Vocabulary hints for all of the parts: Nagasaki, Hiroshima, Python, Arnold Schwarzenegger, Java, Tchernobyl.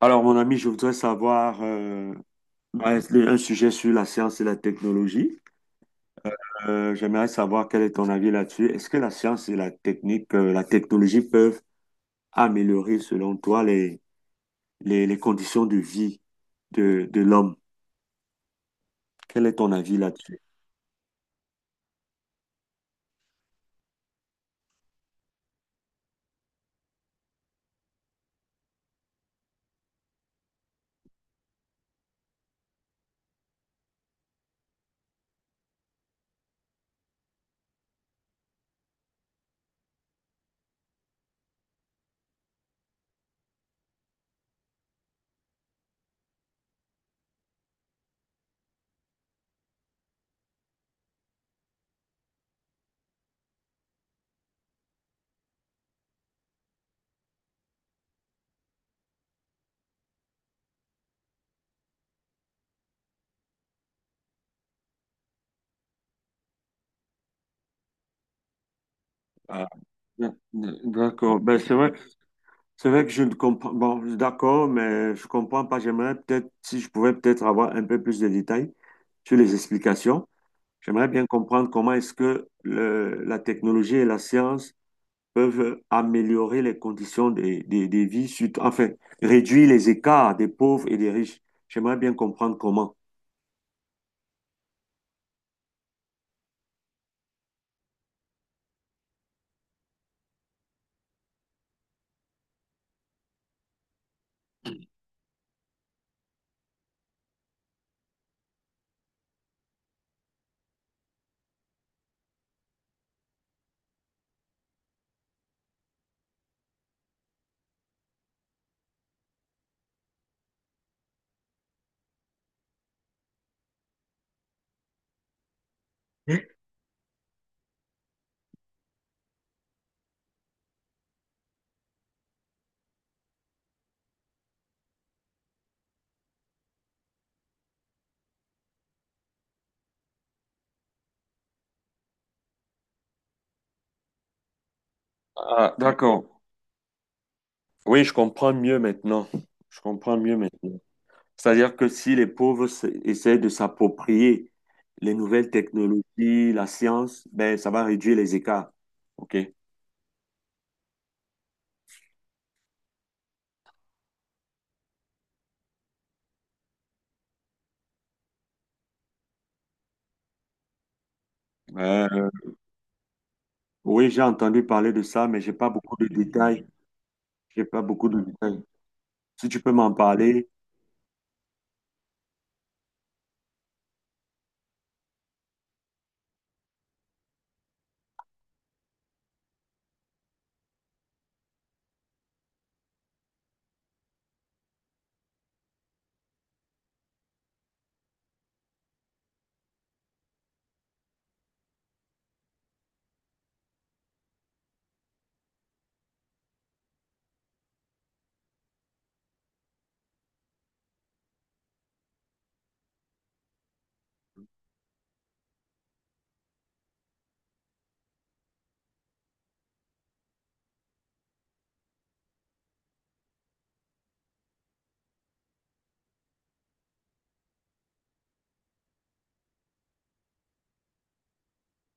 Alors, mon ami, je voudrais savoir un un sujet sur la science et la technologie. J'aimerais savoir quel est ton avis là-dessus. Est-ce que la science et la technique, la technologie peuvent améliorer, selon toi, les conditions de vie de l'homme? Quel est ton avis là-dessus? Ah, d- d'accord. Ben, c'est vrai que je ne comprends. Bon, d'accord, mais je comprends pas. J'aimerais peut-être, si je pouvais peut-être avoir un peu plus de détails sur les explications. J'aimerais bien comprendre comment est-ce que la technologie et la science peuvent améliorer les conditions des vies, enfin, réduire les écarts des pauvres et des riches. J'aimerais bien comprendre comment. Ah, d'accord. Oui, je comprends mieux maintenant. Je comprends mieux maintenant. C'est-à-dire que si les pauvres essaient de s'approprier les nouvelles technologies, la science, ben, ça va réduire les écarts. OK. Euh, Oui, j'ai entendu parler de ça, mais j'ai pas beaucoup de détails. J'ai pas beaucoup de détails. Si tu peux m'en parler.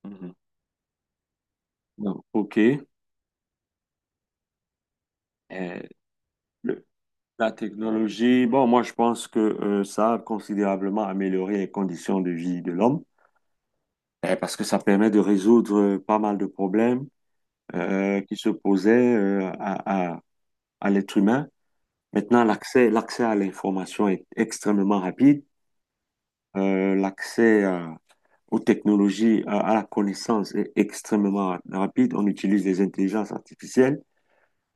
Mhm. Non. OK. Euh, le- la technologie, bon, moi, je pense que ça a considérablement amélioré les conditions de vie de l'homme, parce que ça permet de résoudre pas mal de problèmes qui se posaient, à l'être humain. Maintenant, l'accès à l'information est extrêmement rapide. Euh, l'accès à- aux technologies, à la connaissance est extrêmement rapide. On utilise les intelligences artificielles.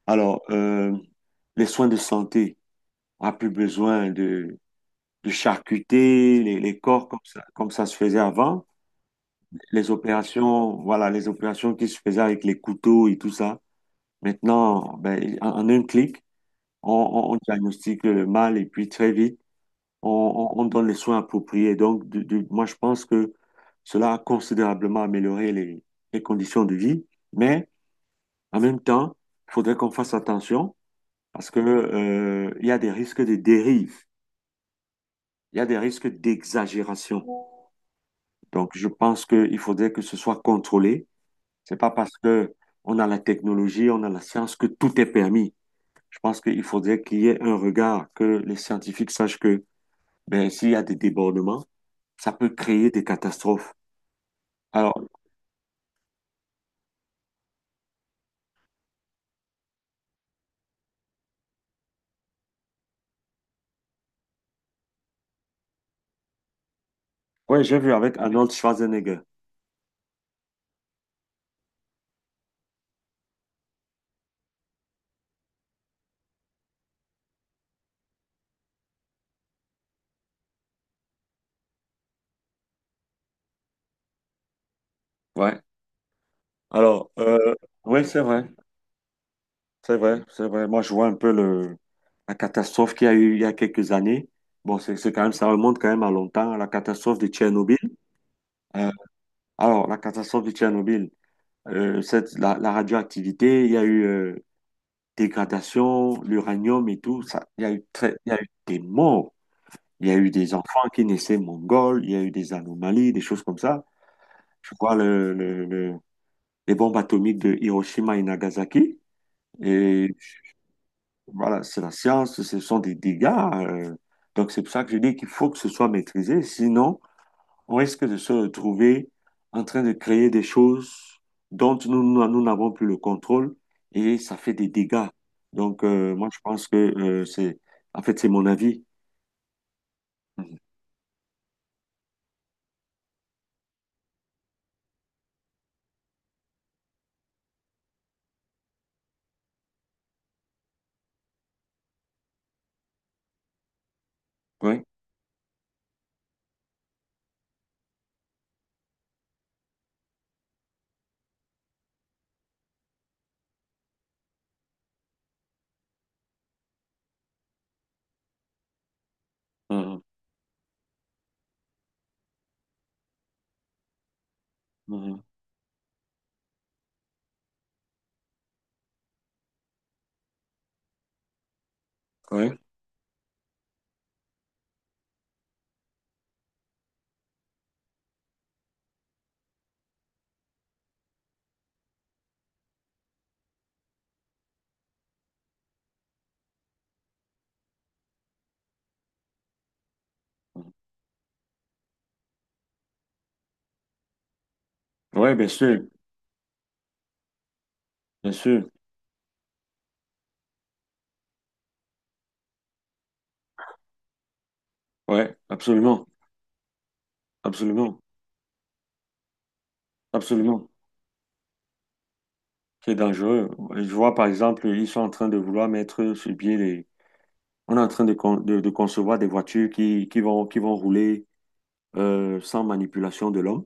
Alors, euh, les soins de santé, on n'a plus besoin de charcuter les corps comme ça se faisait avant. Les opérations, voilà, les opérations qui se faisaient avec les couteaux et tout ça. Maintenant, ben, en un clic, on diagnostique le mal et puis très vite, on donne les soins appropriés. Donc, moi, je pense que cela a considérablement amélioré les conditions de vie, mais en même temps, il faudrait qu'on fasse attention. Parce que, il y a des risques de dérive, il y a des risques d'exagération. Donc, je pense qu'il faudrait que ce soit contrôlé. C'est pas parce que on a la technologie, on a la science que tout est permis. Je pense qu'il faudrait qu'il y ait un regard, que les scientifiques sachent que ben, s'il y a des débordements, ça peut créer des catastrophes. Alors, ouais, j'ai vu avec Arnold Schwarzenegger. Ouais. Alors, euh, ouais, c'est vrai. C'est vrai, c'est vrai. Moi, je vois un peu la catastrophe qu'il y a eu il y a quelques années. Bon, c'est quand même, ça remonte quand même à longtemps, à la catastrophe de Tchernobyl. Euh, la catastrophe de Tchernobyl, la radioactivité, il y a eu dégradation, l'uranium et tout. Ça, il y a eu très, il y a eu des morts. Il y a eu des enfants qui naissaient mongols. Il y a eu des anomalies, des choses comme ça. Je vois les bombes atomiques de Hiroshima et Nagasaki. Et voilà, c'est la science, ce sont des dégâts. Donc, c'est pour ça que je dis qu'il faut que ce soit maîtrisé. Sinon, on risque de se retrouver en train de créer des choses dont nous n'avons plus le contrôle et ça fait des dégâts. Donc, moi, je pense que en fait, c'est mon avis. Mhm. Oui. Mhm. Mhm. Oui. Mhm. Oui, bien sûr, bien sûr. Oui, absolument, absolument, absolument. C'est dangereux. Je vois, par exemple, ils sont en train de vouloir mettre sur pied les. On est en train de concevoir des voitures qui, qui vont rouler sans manipulation de l'homme,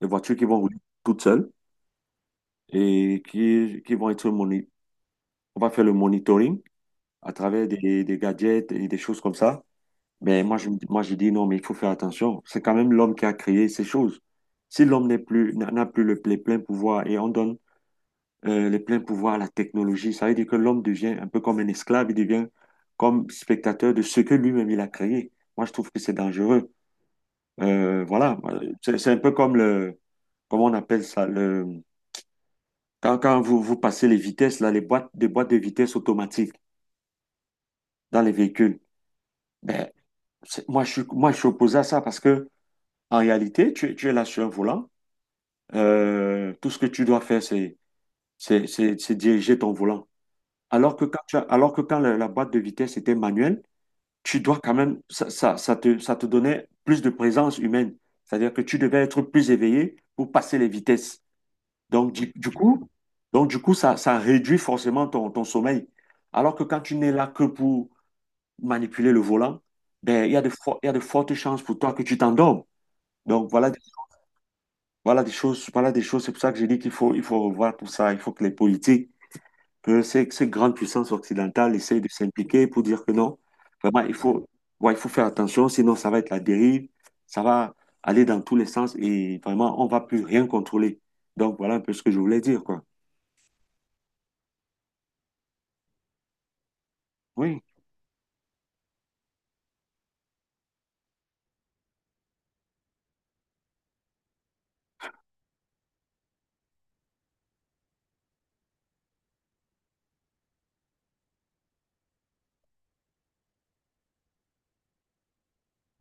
des voitures qui vont rouler toutes seules et qui vont être on va faire le monitoring à travers des gadgets et des choses comme ça. Mais moi, je dis non, mais il faut faire attention. C'est quand même l'homme qui a créé ces choses. Si l'homme n'est plus, n'a plus les pleins pouvoirs et on donne les pleins pouvoirs à la technologie, ça veut dire que l'homme devient un peu comme un esclave, il devient comme spectateur de ce que lui-même il a créé. Moi, je trouve que c'est dangereux. Voilà, c'est un peu comme comment on appelle ça, le, quand vous passez les vitesses, là, des boîtes de vitesse automatiques dans les véhicules. Ben, moi, je suis opposé à ça parce que, en réalité, tu es là sur un volant. Tout ce que tu dois faire, c'est, c'est diriger ton volant. Alors que quand la boîte de vitesse était manuelle, tu dois quand même, ça te donnait plus de présence humaine. C'est-à-dire que tu devais être plus éveillé pour passer les vitesses. Donc, du coup, donc, du coup ça, ça réduit forcément ton sommeil. Alors que quand tu n'es là que pour manipuler le volant, ben, il y a de fortes chances pour toi que tu t'endormes. Donc, voilà des choses, voilà des choses. C'est pour ça que j'ai dit il faut revoir tout ça. Il faut que les politiques, que ces grandes puissances occidentales essayent de s'impliquer pour dire que non, vraiment, il faut, ouais, il faut faire attention, sinon ça va être la dérive, ça va aller dans tous les sens et vraiment, on va plus rien contrôler. Donc, voilà un peu ce que je voulais dire, quoi. Oui.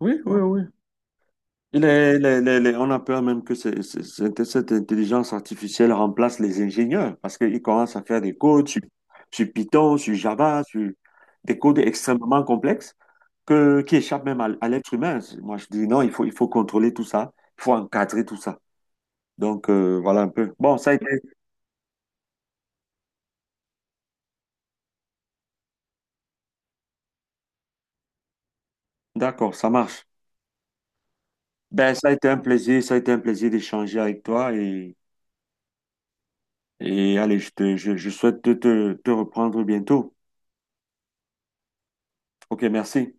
Oui, oui, oui. On a peur même que cette intelligence artificielle remplace les ingénieurs parce qu'ils commencent à faire des codes sur, sur Python, sur Java, sur des codes extrêmement complexes que, qui échappent même à l'être humain. Moi, je dis non, il faut contrôler tout ça, il faut encadrer tout ça. Donc, voilà un peu. Bon, ça a été, d'accord, ça marche. Ben, ça a été un plaisir, ça a été un plaisir d'échanger avec toi et allez, je souhaite te reprendre bientôt. Ok, merci.